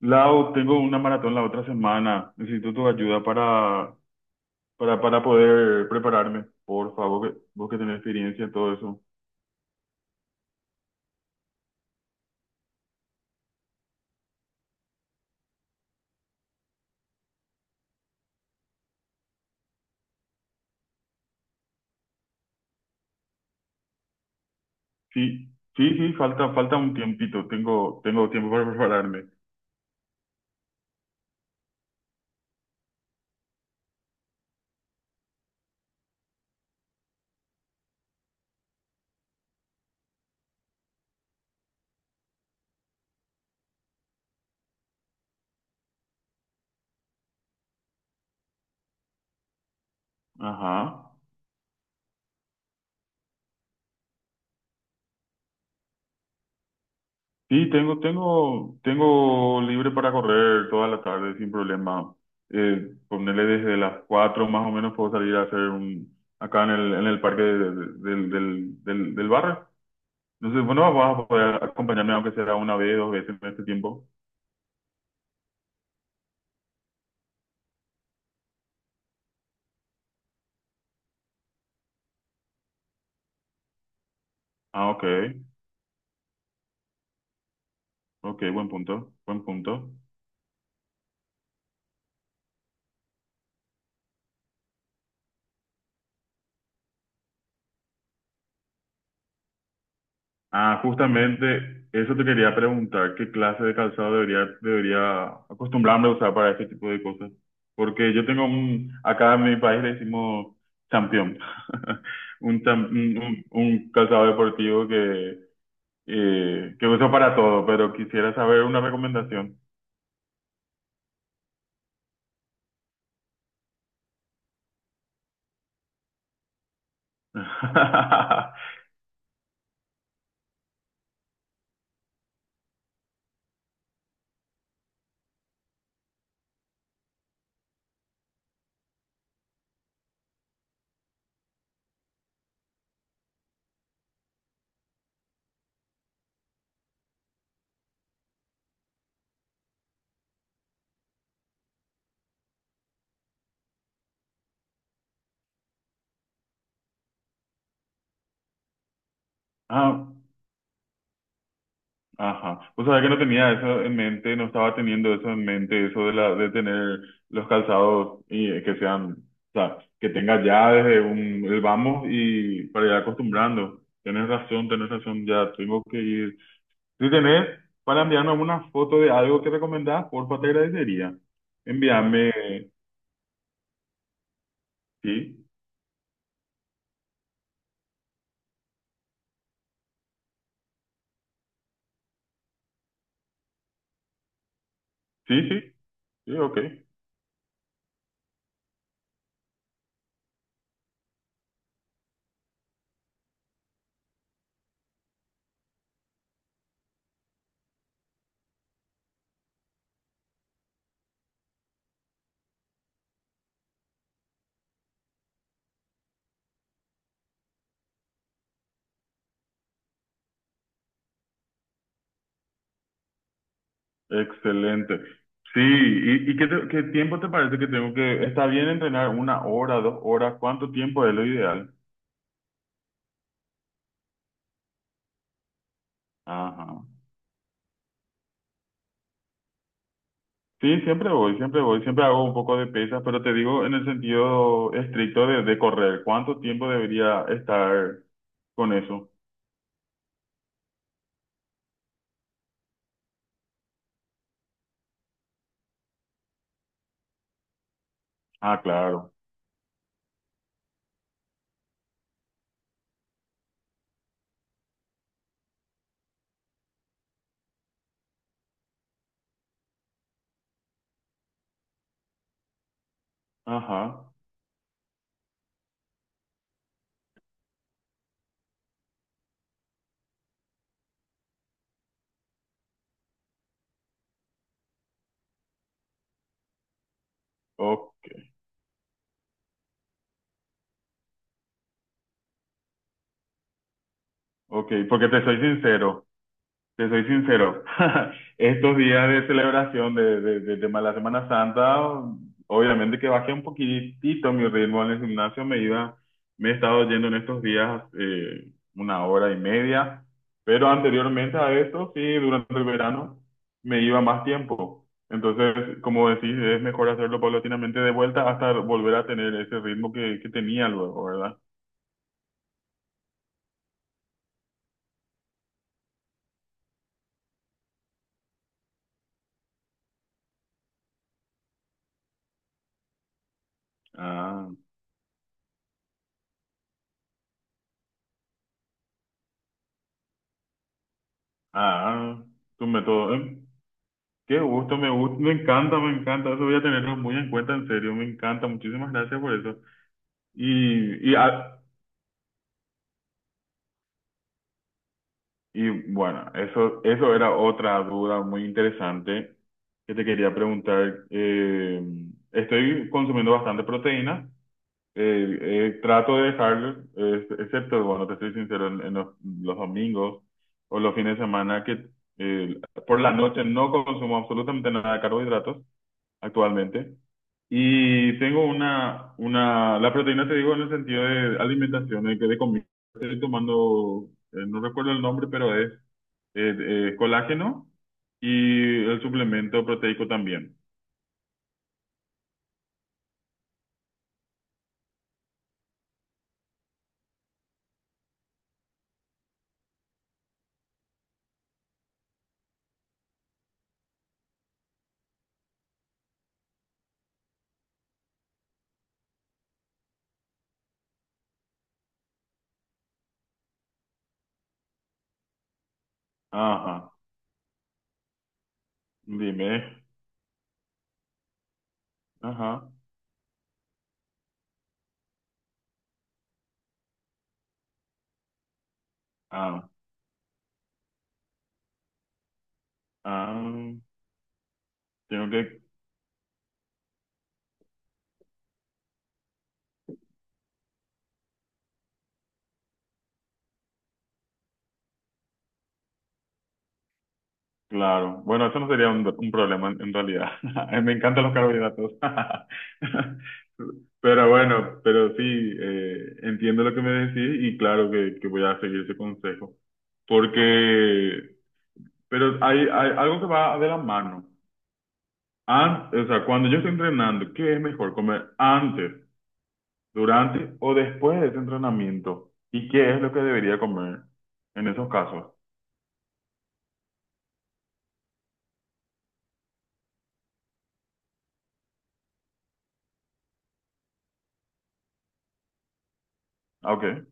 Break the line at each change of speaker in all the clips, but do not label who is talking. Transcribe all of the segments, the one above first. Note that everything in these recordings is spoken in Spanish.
Lau, tengo una maratón la otra semana. Necesito tu ayuda para poder prepararme. Por favor, vos que tenés experiencia en todo eso. Sí, sí, sí, falta un tiempito. Tengo tiempo para prepararme. Ajá. Sí, tengo libre para correr toda la tarde sin problema. Ponerle desde las 4 más o menos puedo salir a hacer un, acá en el parque del barrio. Entonces, bueno, vas a poder acompañarme aunque sea una vez, dos veces en este tiempo. Ah, ok, ok, buen punto, buen punto. Ah, justamente eso te quería preguntar, ¿qué clase de calzado debería acostumbrarme a usar para este tipo de cosas? Porque yo tengo un, acá en mi país le decimos champión, un, un calzado deportivo que uso para todo, pero quisiera saber una recomendación. Ah, ajá. O sea, que no tenía eso en mente, no estaba teniendo eso en mente, eso de de tener los calzados y que sean, o sea, que tenga ya desde un, el vamos y para ir acostumbrando. Tienes razón, ya tengo que ir. Si tenés para enviarme alguna foto de algo que recomendás, porfa, te agradecería. Envíame, sí, sí, sí, sí, ok. Excelente. Sí, y qué, qué tiempo te parece que tengo que... Está bien entrenar una hora, dos horas, ¿cuánto tiempo es lo ideal? Ajá. Sí, siempre voy, siempre voy, siempre hago un poco de pesas, pero te digo en el sentido estricto de correr, ¿cuánto tiempo debería estar con eso? Ah, claro. Ajá. O- ok, porque te soy sincero. Te soy sincero, estos días de celebración de la Semana Santa, obviamente que bajé un poquitito mi ritmo en el gimnasio, me iba, me he estado yendo en estos días una hora y media, pero anteriormente a esto, sí, durante el verano me iba más tiempo. Entonces, como decís, es mejor hacerlo paulatinamente de vuelta hasta volver a tener ese ritmo que tenía luego, ¿verdad? Ah, ah, tu método, ¿eh? Qué gusto, me gusta, me encanta, me encanta. Eso voy a tenerlo muy en cuenta, en serio, me encanta. Muchísimas gracias por eso. Y, y, a- y bueno, eso era otra duda muy interesante que te quería preguntar. Estoy consumiendo bastante proteína. Eh, Trato de dejar, excepto, bueno, te estoy sincero, en los domingos o los fines de semana que eh, por la noche no consumo absolutamente nada de carbohidratos actualmente. Y tengo la proteína te digo en el sentido de alimentación, de, que de comida. Estoy tomando, no recuerdo el nombre, pero es eh, colágeno y el suplemento proteico también. Ajá, dime. Ajá, ah, ah, tengo que, claro. Bueno, eso no sería un problema en realidad. Me encantan los carbohidratos. Pero bueno, pero sí, entiendo lo que me decís y claro que voy a seguir ese consejo. Porque, pero hay algo que va de la mano. O sea, cuando yo estoy entrenando, ¿qué es mejor comer antes, durante o después de ese entrenamiento? ¿Y qué es lo que debería comer en esos casos? Ah, ok,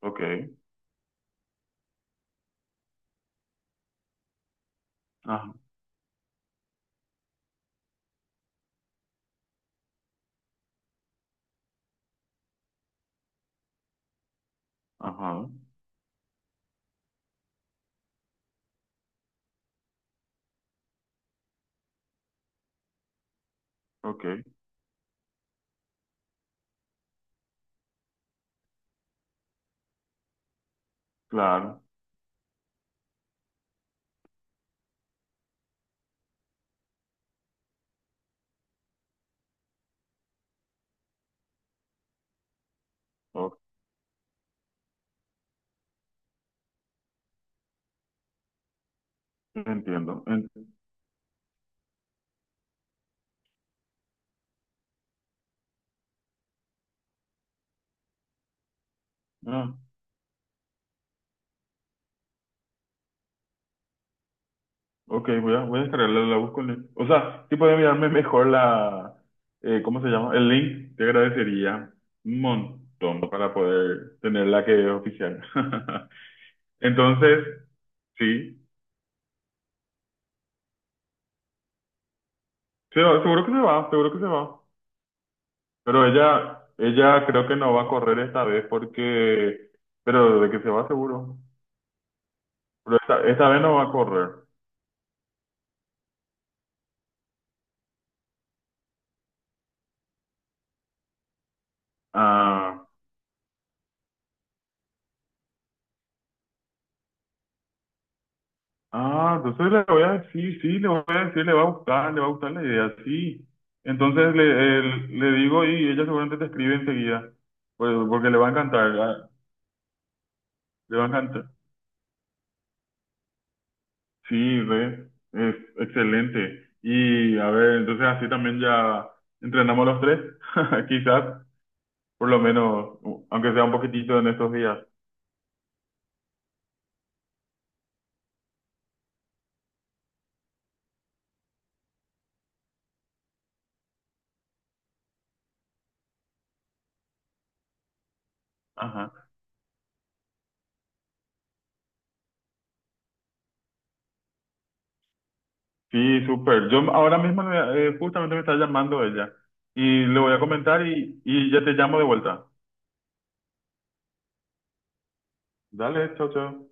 ok, ajá, ajá, ok, claro, ok, entiendo. Ah, ok, voy a, voy a descargarla, la busco en el- O sea, si pueden enviarme mejor la... ¿cómo se llama? El link, te agradecería un montón para poder tener la que es oficial. Entonces, sí, se va, seguro que se va, seguro que se va. Pero ella creo que no va a correr esta vez porque... Pero de que se va seguro. Pero esta vez no va a correr. Ah, ah, entonces le voy a decir, sí, sí, le voy a decir, le va a gustar, le va a gustar la idea, sí. Entonces le, le digo y ella seguramente te escribe enseguida, pues, porque le va a encantar, ah, le va a encantar. Sí, re, es excelente. Y a ver, entonces así también ya entrenamos los tres, quizás, por lo menos, aunque sea un poquitito en estos días. Ajá. Sí, súper. Yo ahora mismo justamente me está llamando ella y le voy a comentar y ya te llamo de vuelta. Dale, chao, chao.